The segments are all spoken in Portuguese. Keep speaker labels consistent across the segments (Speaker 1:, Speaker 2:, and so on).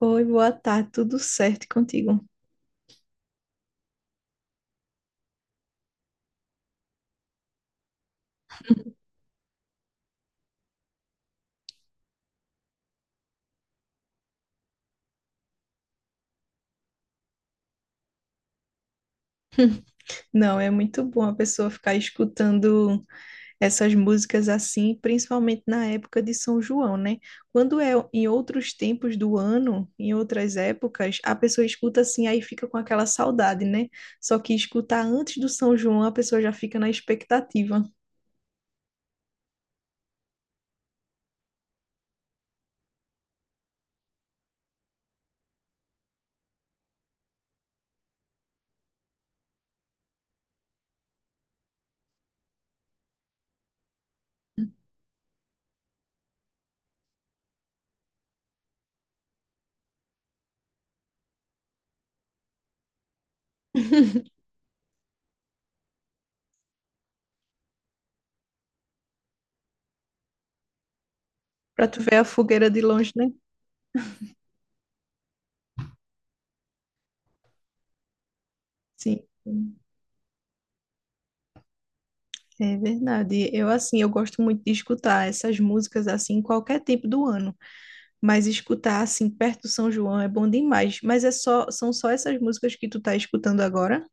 Speaker 1: Oi, boa tarde, tudo certo contigo? Não, é muito bom a pessoa ficar escutando essas músicas assim, principalmente na época de São João, né? Quando é em outros tempos do ano, em outras épocas, a pessoa escuta assim, aí fica com aquela saudade, né? Só que escutar antes do São João, a pessoa já fica na expectativa, para tu ver a fogueira de longe, né? Sim. É verdade. Eu assim, eu gosto muito de escutar essas músicas assim em qualquer tempo do ano. Mas escutar assim perto do São João é bom demais. Mas são só essas músicas que tu tá escutando agora?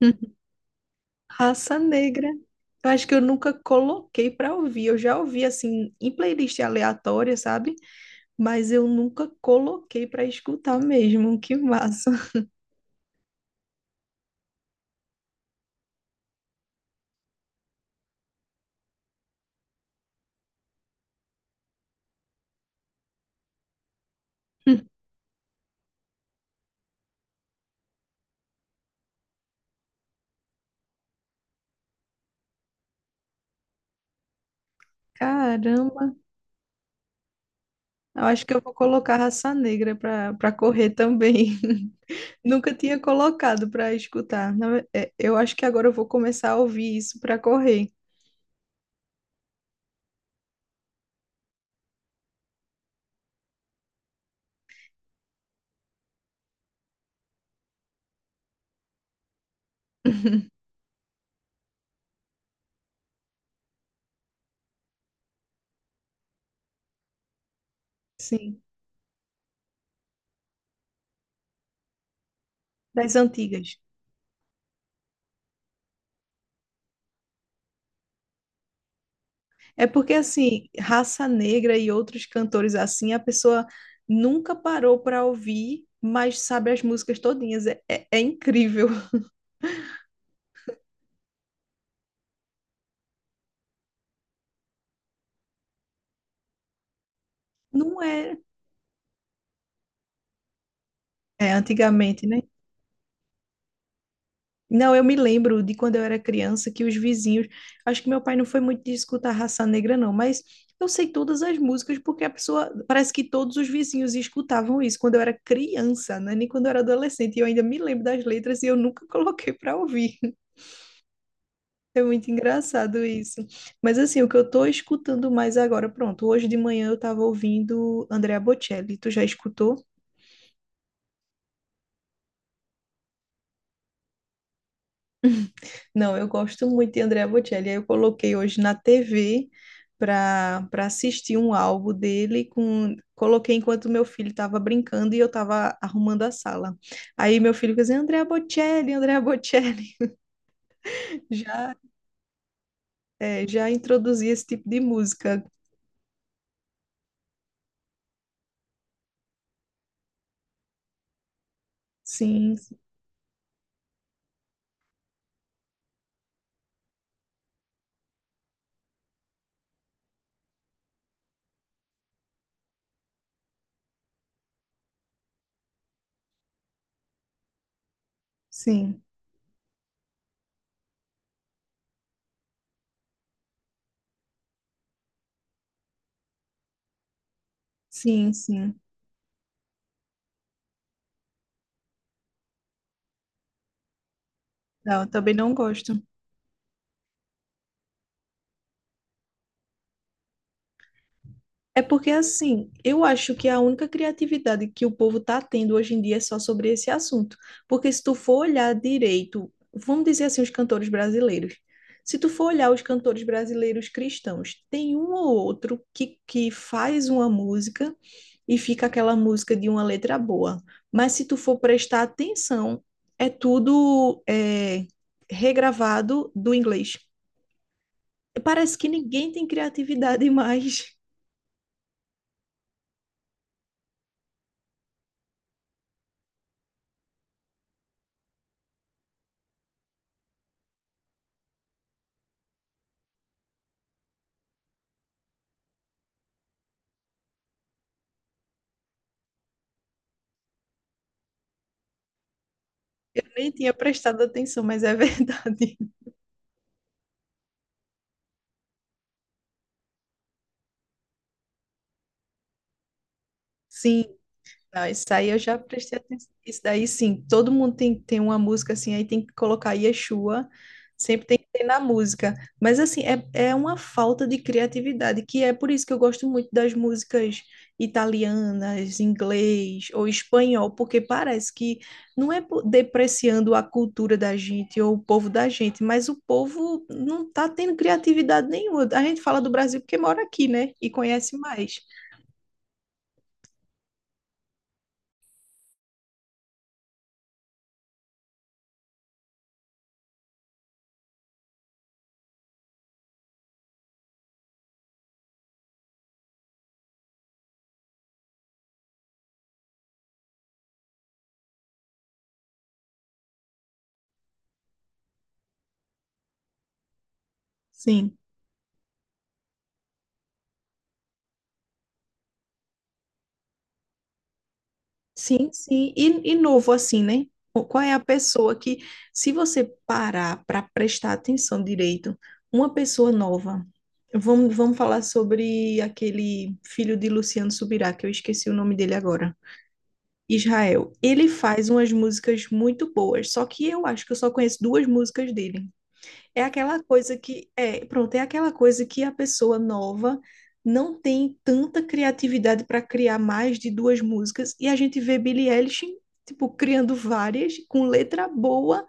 Speaker 1: Raça Negra. Eu acho que eu nunca coloquei pra ouvir. Eu já ouvi assim em playlist aleatória, sabe? Mas eu nunca coloquei pra escutar mesmo. Que massa. Caramba. Eu acho que eu vou colocar Raça Negra pra para correr também. Nunca tinha colocado pra escutar. Eu acho que agora eu vou começar a ouvir isso pra correr. Sim. Das antigas. É porque, assim, Raça Negra e outros cantores assim, a pessoa nunca parou para ouvir, mas sabe as músicas todinhas. É incrível. Não é, é antigamente, né? Não, eu me lembro de quando eu era criança que os vizinhos. Acho que meu pai não foi muito de escutar Raça Negra, não, mas eu sei todas as músicas porque a pessoa. Parece que todos os vizinhos escutavam isso quando eu era criança, né? Nem quando eu era adolescente. E eu ainda me lembro das letras e eu nunca coloquei para ouvir. É muito engraçado isso. Mas assim, o que eu tô escutando mais agora, pronto, hoje de manhã eu tava ouvindo Andrea Bocelli. Tu já escutou? Não, eu gosto muito de Andrea Bocelli. Aí eu coloquei hoje na TV para assistir um álbum dele com coloquei enquanto meu filho estava brincando e eu estava arrumando a sala. Aí meu filho fez assim, Andrea Bocelli, Andrea Bocelli. Já já introduzi esse tipo de música. Sim, sim, sim, sim. Não, eu também não gosto. É porque assim, eu acho que a única criatividade que o povo está tendo hoje em dia é só sobre esse assunto. Porque se tu for olhar direito, vamos dizer assim, os cantores brasileiros. Se tu for olhar os cantores brasileiros cristãos, tem um ou outro que faz uma música e fica aquela música de uma letra boa. Mas se tu for prestar atenção, é tudo é, regravado do inglês. Parece que ninguém tem criatividade mais. Eu nem tinha prestado atenção, mas é verdade. Sim, não, isso aí eu já prestei atenção. Isso daí sim, todo mundo tem, tem uma música assim, aí tem que colocar Yeshua, sempre tem que ter na música. Mas assim, é uma falta de criatividade, que é por isso que eu gosto muito das músicas italianas, inglês ou espanhol, porque parece que não é po- depreciando a cultura da gente ou o povo da gente, mas o povo não tá tendo criatividade nenhuma. A gente fala do Brasil porque mora aqui, né? E conhece mais. Sim. Sim, sim. E novo assim, né? O- qual é a pessoa que, se você parar para prestar atenção direito, uma pessoa nova. Vamos falar sobre aquele filho de Luciano Subirá, que eu esqueci o nome dele agora. Israel. Ele faz umas músicas muito boas, só que eu acho que eu só conheço duas músicas dele. É aquela coisa que é, pronto, é aquela coisa que a pessoa nova não tem tanta criatividade para criar mais de duas músicas e a gente vê Billie Eilish tipo criando várias com letra boa,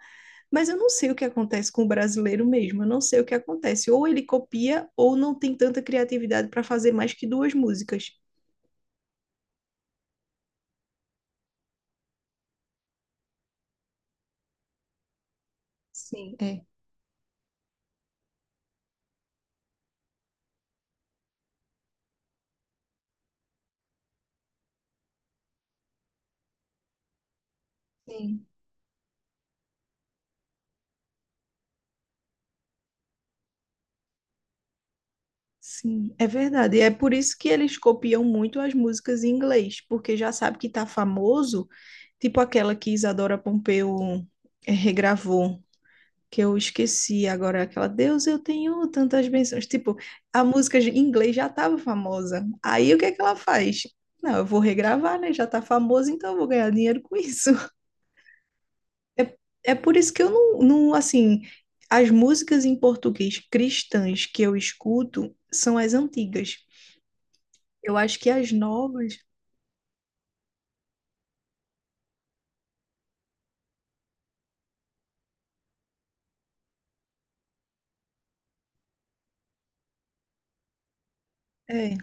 Speaker 1: mas eu não sei o que acontece com o brasileiro mesmo, eu não sei o que acontece, ou ele copia ou não tem tanta criatividade para fazer mais que duas músicas. Sim, é. Sim. Sim, é verdade. E é por isso que eles copiam muito as músicas em inglês, porque já sabe que tá famoso. Tipo aquela que Isadora Pompeu regravou, que eu esqueci agora, aquela Deus, eu tenho tantas bênçãos. Tipo, em inglês já estava famosa. Aí o que é que ela faz? Não, eu vou regravar, né? Já tá famosa, então eu vou ganhar dinheiro com isso. É, é por isso que eu não, não, assim, as músicas em português cristãs que eu escuto são as antigas. Eu acho que as novas. É,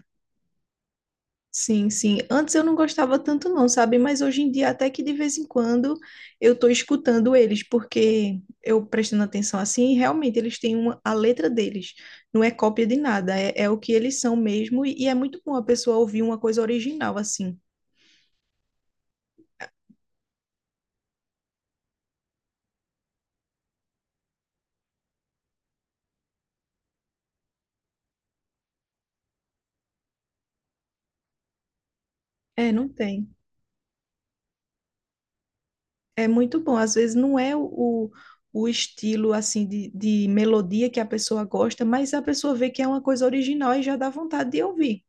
Speaker 1: sim, sim. Antes eu não gostava tanto não, sabe? Mas hoje em dia até que de vez em quando eu tô escutando eles, porque eu prestando atenção assim, realmente eles têm uma, a letra deles. Não é cópia de nada, é o que eles são mesmo e é muito bom a pessoa ouvir uma coisa original assim. É, não tem. É muito bom. Às vezes não é o, o estilo assim de melodia que a pessoa gosta, mas a pessoa vê que é uma coisa original e já dá vontade de ouvir.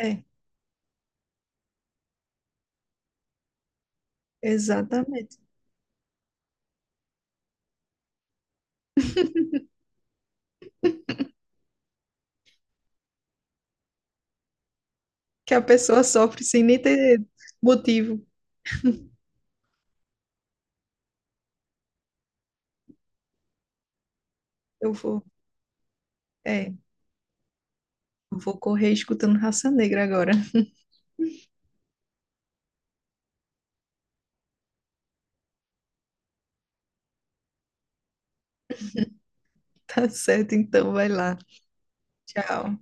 Speaker 1: É, exatamente. Que a pessoa sofre sem nem ter motivo. Eu vou, é, eu vou correr escutando Raça Negra agora. Tá certo, então, vai lá. Tchau.